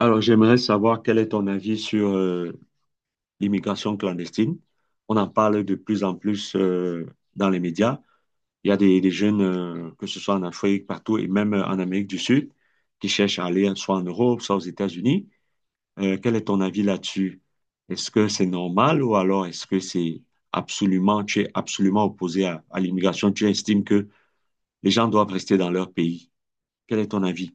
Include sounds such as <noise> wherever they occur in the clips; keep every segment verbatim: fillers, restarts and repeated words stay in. Alors, j'aimerais savoir quel est ton avis sur euh, l'immigration clandestine. On en parle de plus en plus euh, dans les médias. Il y a des, des jeunes, euh, que ce soit en Afrique, partout, et même euh, en Amérique du Sud, qui cherchent à aller soit en Europe, soit aux États-Unis. Euh, quel est ton avis là-dessus? Est-ce que c'est normal ou alors est-ce que c'est absolument, tu es absolument opposé à, à l'immigration? Tu estimes que les gens doivent rester dans leur pays? Quel est ton avis?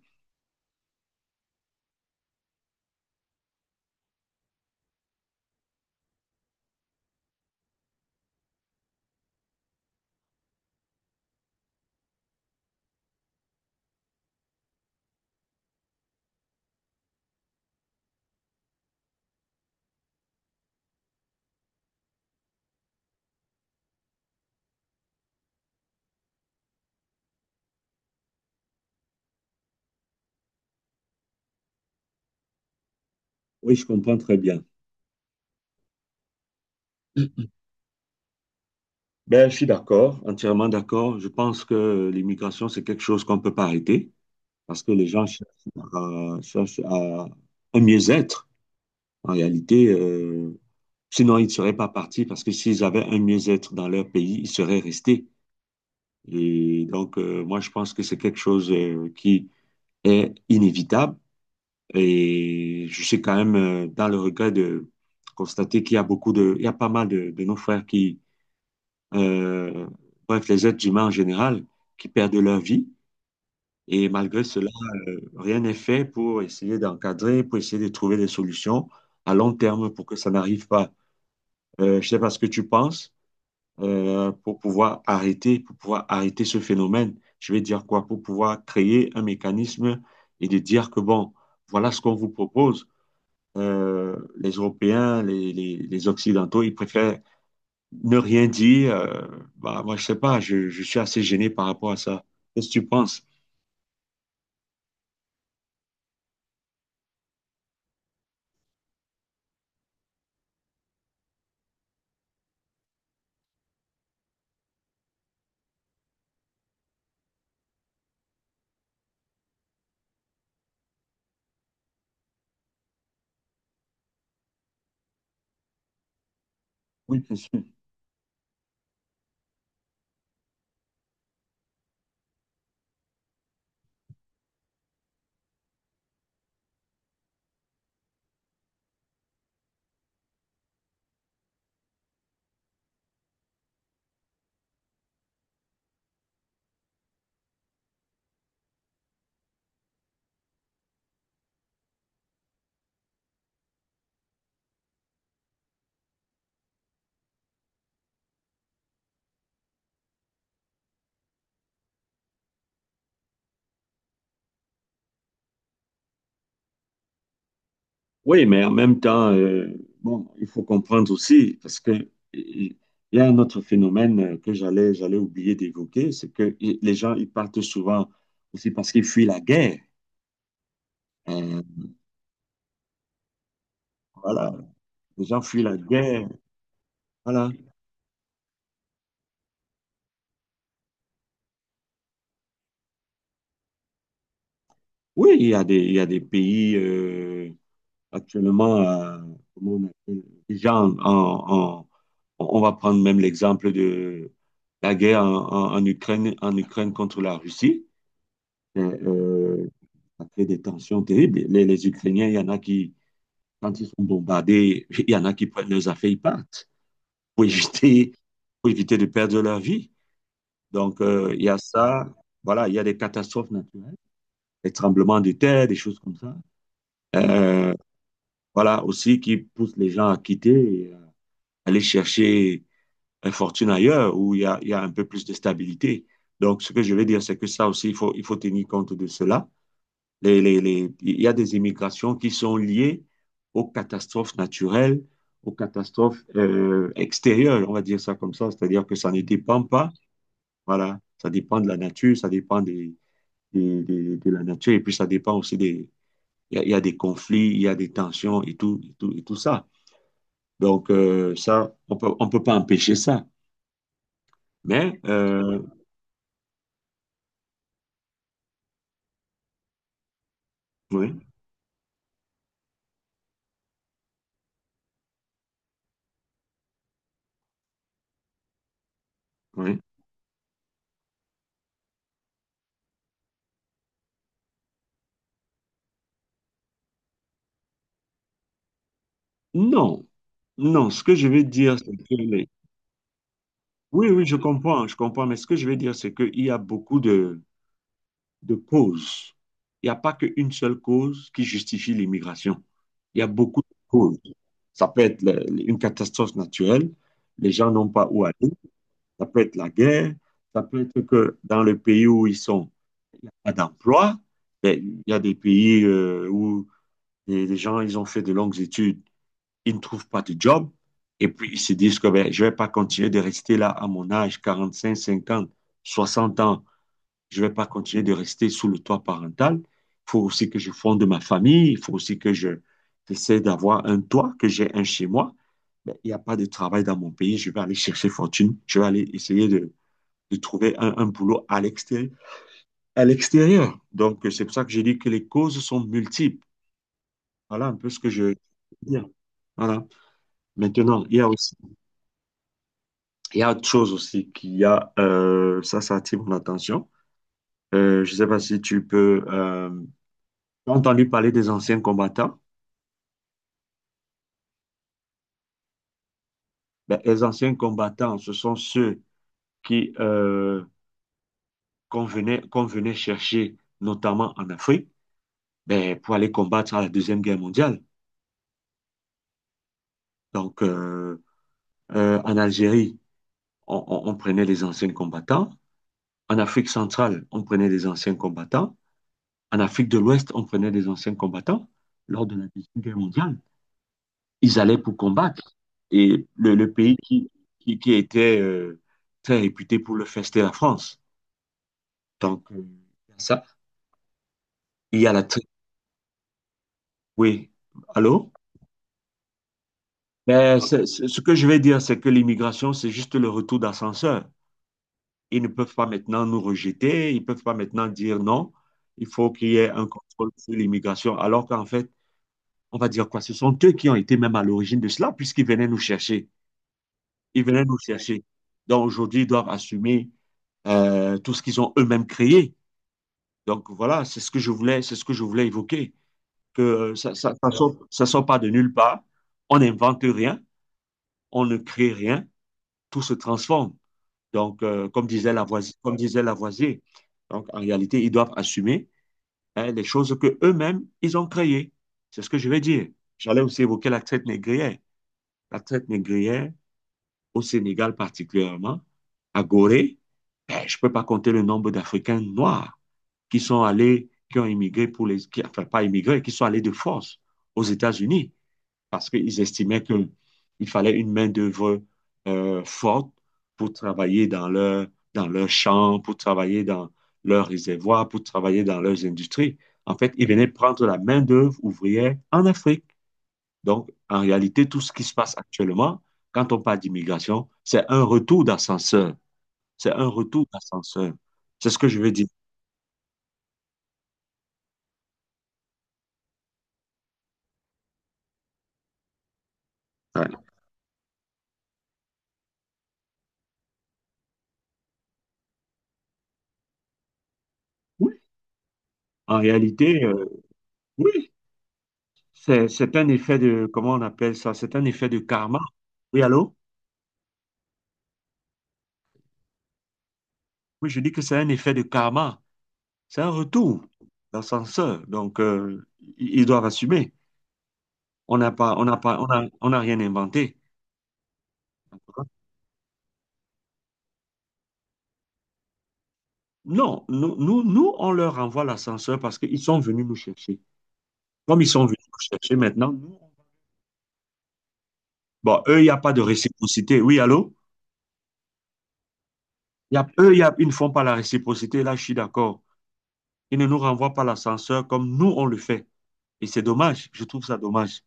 Oui, je comprends très bien. Ben, je suis d'accord, entièrement d'accord. Je pense que l'immigration, c'est quelque chose qu'on ne peut pas arrêter parce que les gens cherchent à, cherchent à un mieux-être. En réalité, euh, sinon, ils ne seraient pas partis parce que s'ils avaient un mieux-être dans leur pays, ils seraient restés. Et donc, euh, moi, je pense que c'est quelque chose euh, qui est inévitable. Et je suis quand même euh, dans le regret de constater qu'il y a beaucoup de, il y a pas mal de, de nos frères qui euh, bref, les êtres humains en général, qui perdent leur vie. Et malgré cela, euh, rien n'est fait pour essayer d'encadrer, pour essayer de trouver des solutions à long terme pour que ça n'arrive pas. Euh, je ne sais pas ce que tu penses euh, pour pouvoir arrêter, pour pouvoir arrêter ce phénomène. Je vais dire quoi? Pour pouvoir créer un mécanisme et de dire que bon, voilà ce qu'on vous propose. Euh, les Européens, les, les, les Occidentaux, ils préfèrent ne rien dire, euh, bah, moi, je sais pas, je, je suis assez gêné par rapport à ça. Qu'est-ce que tu penses? Oui, bien sûr. Oui, mais en même temps, euh, bon, il faut comprendre aussi, parce que euh, il y a un autre phénomène euh, que j'allais, j'allais oublier d'évoquer, c'est que i- les gens, ils partent souvent aussi parce qu'ils fuient la guerre. Euh, voilà, les gens fuient la guerre. Voilà. Oui, il y a des, il y a des pays. Euh, actuellement, euh, comment on appelle, déjà, en- en- en- on va prendre même l'exemple de la guerre en, en- en Ukraine, en Ukraine contre la Russie. Euh, euh, Ça crée des tensions terribles. Les, les Ukrainiens, il y en a qui, quand ils sont bombardés, <laughs> il y en a qui prennent leurs affaires, ils partent pour éviter, pour éviter de perdre leur vie. Donc, euh, il y a ça. Voilà, il y a des catastrophes naturelles, des tremblements de terre, des choses comme ça. Euh, voilà, aussi qui poussent les gens à quitter, aller chercher une fortune ailleurs où il y a, il y a un peu plus de stabilité. Donc, ce que je veux dire, c'est que ça aussi, il faut, il faut tenir compte de cela. Les, les, les, il y a des immigrations qui sont liées aux catastrophes naturelles, aux catastrophes euh, extérieures, on va dire ça comme ça, c'est-à-dire que ça ne dépend pas, voilà, ça dépend de la nature, ça dépend des, des, des, de la nature, et puis ça dépend aussi des, il y, a, y a des conflits, il y a des tensions et tout, et tout, et tout ça. Donc, euh, ça, on peut, on peut pas empêcher ça. Mais, euh, oui, oui. Non, non, ce que je veux dire, c'est que les- Oui, oui, je comprends, je comprends, mais ce que je veux dire, c'est qu'il y a beaucoup de, de causes. Il n'y a pas qu'une seule cause qui justifie l'immigration. Il y a beaucoup de causes. Ça peut être le- le- une catastrophe naturelle, les gens n'ont pas où aller, ça peut être la guerre, ça peut être que dans le pays où ils sont, il n'y a pas d'emploi. Mais il y a des pays euh, où les les gens, ils ont fait de longues études, ils ne trouvent pas de job. Et puis, ils se disent que ben, je ne vais pas continuer de rester là à mon âge, quarante cinq, cinquante, soixante ans. Je ne vais pas continuer de rester sous le toit parental. Il faut aussi que je fonde ma famille. Il faut aussi que je, j'essaie d'avoir un toit, que j'ai un chez moi. Ben, il n'y a pas de travail dans mon pays. Je vais aller chercher fortune. Je vais aller essayer de, de trouver un, un, boulot à l'extérieur. À l'extérieur. Donc, c'est pour ça que j'ai dit que les causes sont multiples. Voilà un peu ce que je veux dire. Voilà. Maintenant, il y a aussi. Il y a autre chose aussi qui a, euh, ça, ça attire mon attention. Euh, je ne sais pas si tu peux, euh, t'as entendu parler des anciens combattants. Ben, les anciens combattants, ce sont ceux qui, euh, qu'on venait, qu'on venait chercher, notamment en Afrique, ben, pour aller combattre à la Deuxième Guerre mondiale. Donc, euh, euh, en Algérie, on, on- on prenait les anciens combattants. En Afrique centrale, on prenait des anciens combattants. En Afrique de l'Ouest, on prenait des anciens combattants lors de la Deuxième Guerre mondiale, ils allaient pour combattre. Et le, le pays qui, qui, qui était euh, très réputé pour le faire, c'était la France. Donc, euh, ça, il y a la... tri- Oui, allô? Ben, c'est- c'est- ce que je vais dire, c'est que l'immigration, c'est juste le retour d'ascenseur. Ils ne peuvent pas maintenant nous rejeter, ils ne peuvent pas maintenant dire non, il faut qu'il y ait un contrôle sur l'immigration, alors qu'en fait, on va dire quoi? Ce sont eux qui ont été même à l'origine de cela, puisqu'ils venaient nous chercher. Ils venaient nous chercher. Donc aujourd'hui, ils doivent assumer euh, tout ce qu'ils ont eux-mêmes créé. Donc voilà, c'est ce que je voulais, c'est ce que je voulais évoquer, que euh, ça, ça, ça sort, ça sort pas de nulle part. On n'invente rien, on ne crée rien, tout se transforme. Donc euh, comme disait Lavoisier, comme disait Lavoisier, donc en réalité, ils doivent assumer hein, les choses que eux-mêmes ils ont créées. C'est ce que je vais dire. J'allais aussi évoquer la traite négrière. La traite négrière, au Sénégal particulièrement, à Gorée, ben, je ne peux pas compter le nombre d'Africains noirs qui sont allés, qui ont immigré pour les, qui, enfin pas immigré, qui sont allés de force aux États-Unis parce qu'ils estimaient qu'il fallait une main-d'œuvre euh, forte pour travailler dans leur, dans leurs champs, pour travailler dans leurs réservoirs, pour travailler dans leurs industries. En fait, ils venaient prendre la main-d'œuvre ouvrière en Afrique. Donc, en réalité, tout ce qui se passe actuellement, quand on parle d'immigration, c'est un retour d'ascenseur. C'est un retour d'ascenseur. C'est ce que je veux dire. Ouais. Oui, en réalité, euh, oui, c'est, c'est un effet de, comment on appelle ça? C'est un effet de karma. Oui, allô? Oui, je dis que c'est un effet de karma. C'est un retour d'ascenseur. Donc, euh, ils ils doivent assumer. On n'a pas, on n'a pas, on a- On n'a rien inventé. Non, nous, nous, nous, on leur envoie l'ascenseur parce qu'ils sont venus nous chercher. Comme ils sont venus nous chercher maintenant, nous, bon, eux, il n'y a pas de réciprocité. Oui, allô? Il Y a, eux, il y a- Ils ne font pas la réciprocité. Là, je suis d'accord. Ils ne nous renvoient pas l'ascenseur comme nous, on le fait. Et c'est dommage. Je trouve ça dommage.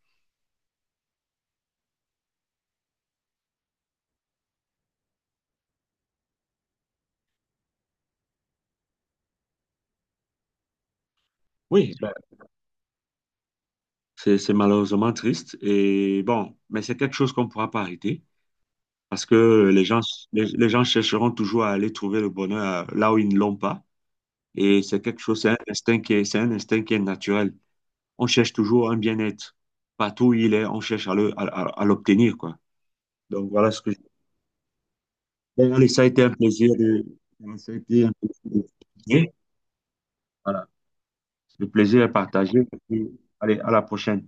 Oui, ben, c'est c'est malheureusement triste. Et bon, mais c'est quelque chose qu'on ne pourra pas arrêter parce que les gens, les, les gens chercheront toujours à aller trouver le bonheur euh, là où ils ne l'ont pas. Et c'est quelque chose, c'est un instinct qui est, c'est un instinct qui est naturel. On cherche toujours un bien-être. Partout où il est, on cherche à le- à- à- à l'obtenir, quoi. Donc voilà ce que je... Bon, allez, ça a été un plaisir de... Ça a été un plaisir de- Voilà, le plaisir est partagé. Allez, à la prochaine.